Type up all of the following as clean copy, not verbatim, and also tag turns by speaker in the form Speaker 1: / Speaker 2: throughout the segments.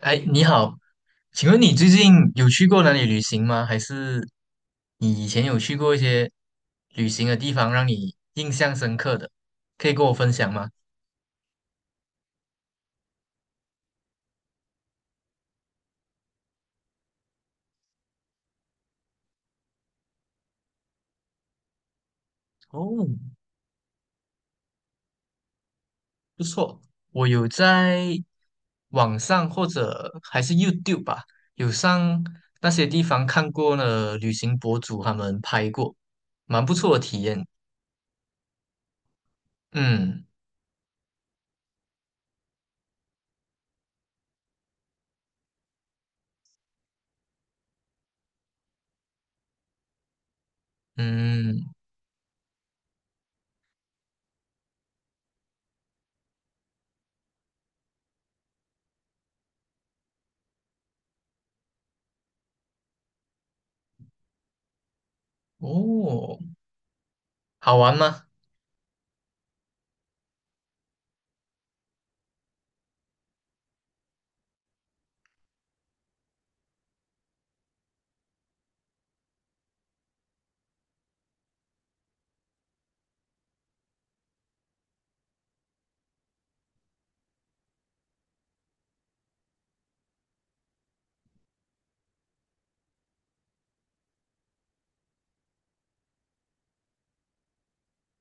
Speaker 1: 哎，你好，请问你最近有去过哪里旅行吗？还是你以前有去过一些旅行的地方，让你印象深刻的，可以跟我分享吗？哦，不错，我有在网上或者还是 YouTube 吧，有上那些地方看过呢，旅行博主他们拍过，蛮不错的体验。嗯嗯，哦，好玩吗？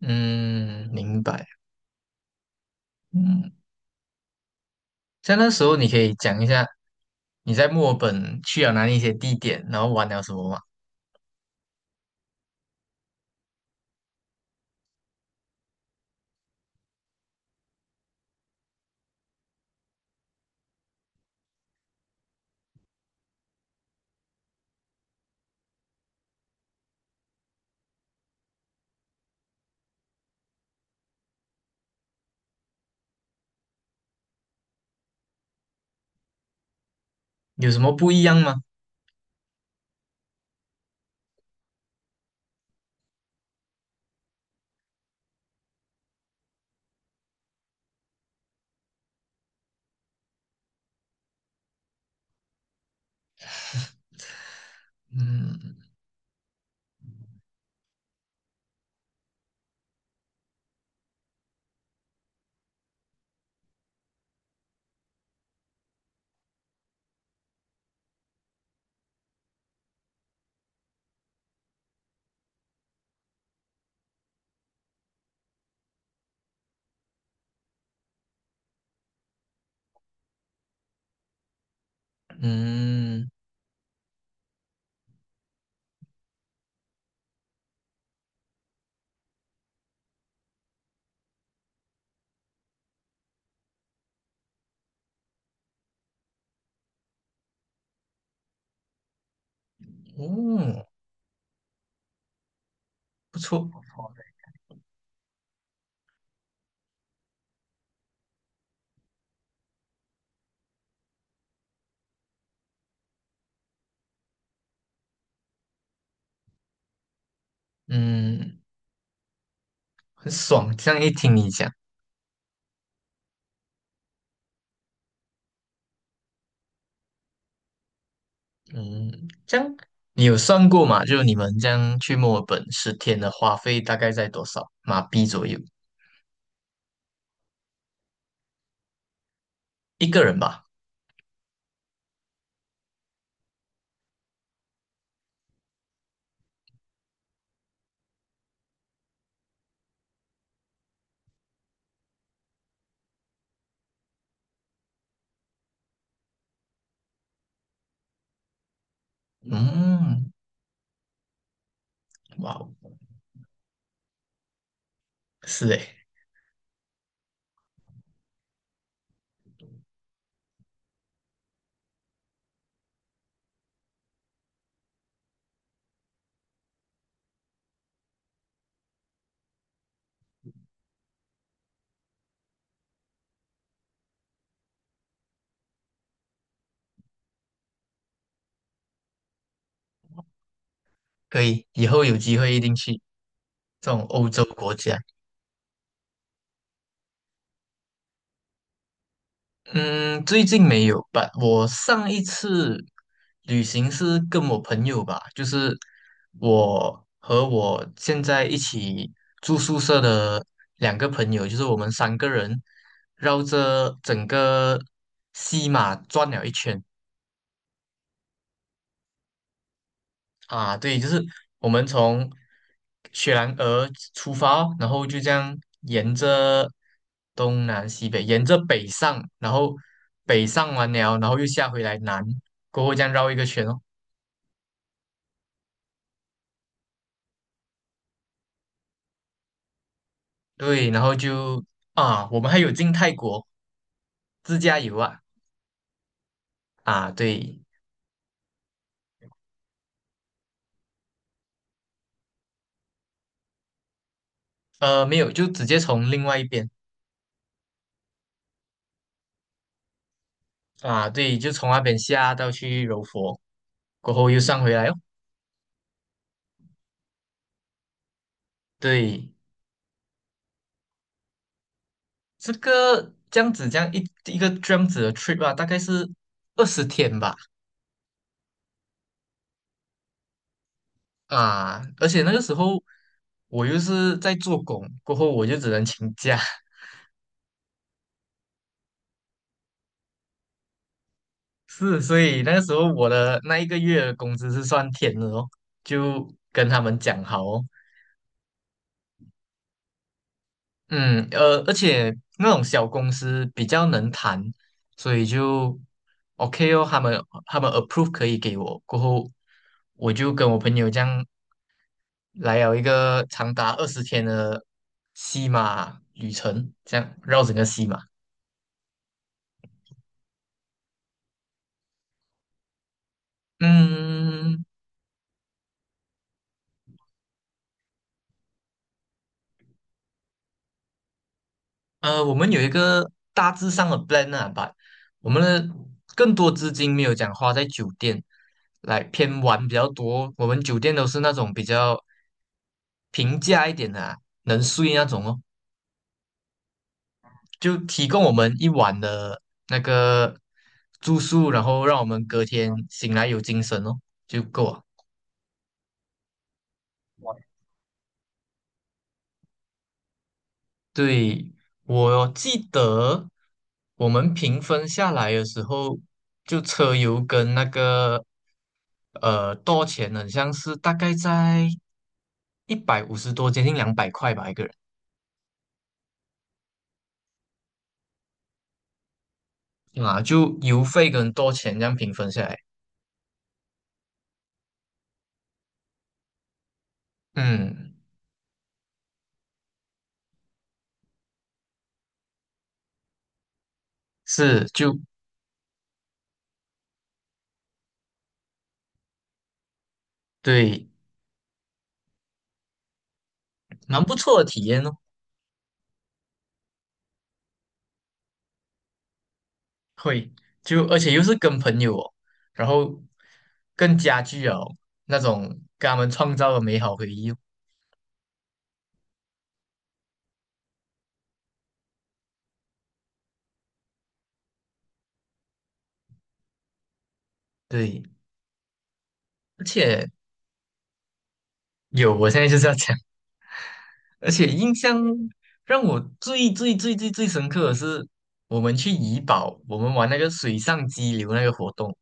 Speaker 1: 嗯，明白。嗯。在那时候，你可以讲一下你在墨尔本去了哪里一些地点，然后玩了什么吗？有什么不一样吗？嗯嗯，哦，不错，嗯，很爽。这样一听你讲，嗯，这样你有算过吗？就是你们这样去墨尔本十天的花费大概在多少马币左右？一个人吧？嗯，哇哦，是诶，可以，以后有机会一定去这种欧洲国家。嗯，最近没有吧？我上一次旅行是跟我朋友吧，就是我和我现在一起住宿舍的两个朋友，就是我们三个人绕着整个西马转了一圈。啊，对，就是我们从雪兰莪出发，然后就这样沿着东南西北，沿着北上，然后北上完了，然后又下回来南，过后这样绕一个圈哦。对，然后就我们还有进泰国自驾游啊啊，对，没有，就直接从另外一边啊，对，就从那边下到去柔佛，过后又上回来哦。对，这个这样子，这样一个这样子的 trip 啊，大概是20天吧，啊，而且那个时候我又是在做工，过后我就只能请假，是，所以那个时候我的那一个月的工资是算天的哦，就跟他们讲好哦，嗯，而且那种小公司比较能谈，所以就 OK 哦，他们 approve 可以给我，过后我就跟我朋友这样来有一个长达二十天的西马旅程，这样绕整个西马。嗯，我们有一个大致上的 plan 啊吧，我们的更多资金没有讲花在酒店，来偏玩比较多。我们酒店都是那种比较平价一点的啊能睡那种哦，就提供我们一晚的那个住宿，然后让我们隔天醒来有精神哦，就够了。对，我记得我们平分下来的时候，就车油跟那个多钱呢，很像是大概在150多，接近200块吧一个人啊，就油费跟多钱这样平分下来，嗯，是就对，蛮不错的体验哦，会就而且又是跟朋友哦，然后更加具有那种跟他们创造的美好回忆哦，对。而且有，我现在就是要讲，而且印象让我最最最最最深刻的是，我们去怡保，我们玩那个水上激流那个活动，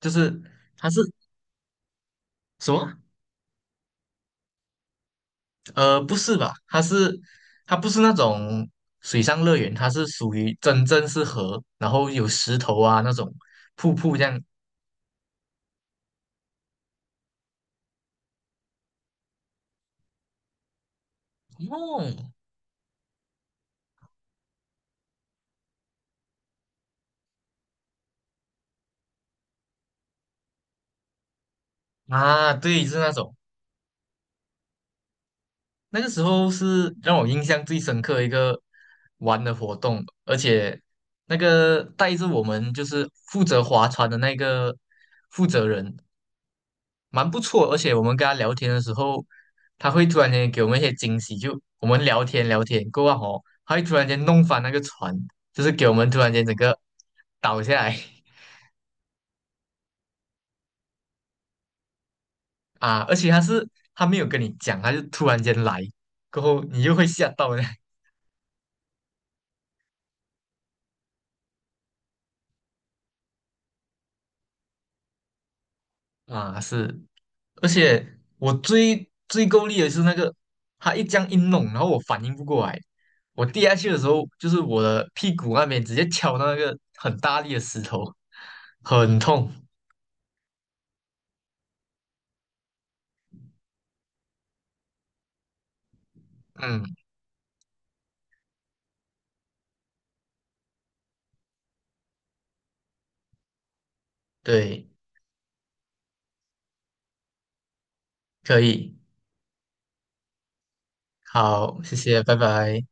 Speaker 1: 就是它是什么？不是吧？它是它不是那种水上乐园，它是属于真正是河，然后有石头啊那种瀑布这样。哦，啊，对，是那种。那个时候是让我印象最深刻的一个玩的活动，而且那个带着我们就是负责划船的那个负责人蛮不错，而且我们跟他聊天的时候，他会突然间给我们一些惊喜，就我们聊天聊天过后哦，他会突然间弄翻那个船，就是给我们突然间整个倒下来 啊，而且他没有跟你讲，他就突然间来，过后你就会吓到的 啊，是。而且我最最够力的是那个，他一这样一弄，然后我反应不过来，我跌下去的时候，就是我的屁股那边直接敲到那个很大力的石头，很痛。嗯，对，可以，好，谢谢，拜拜。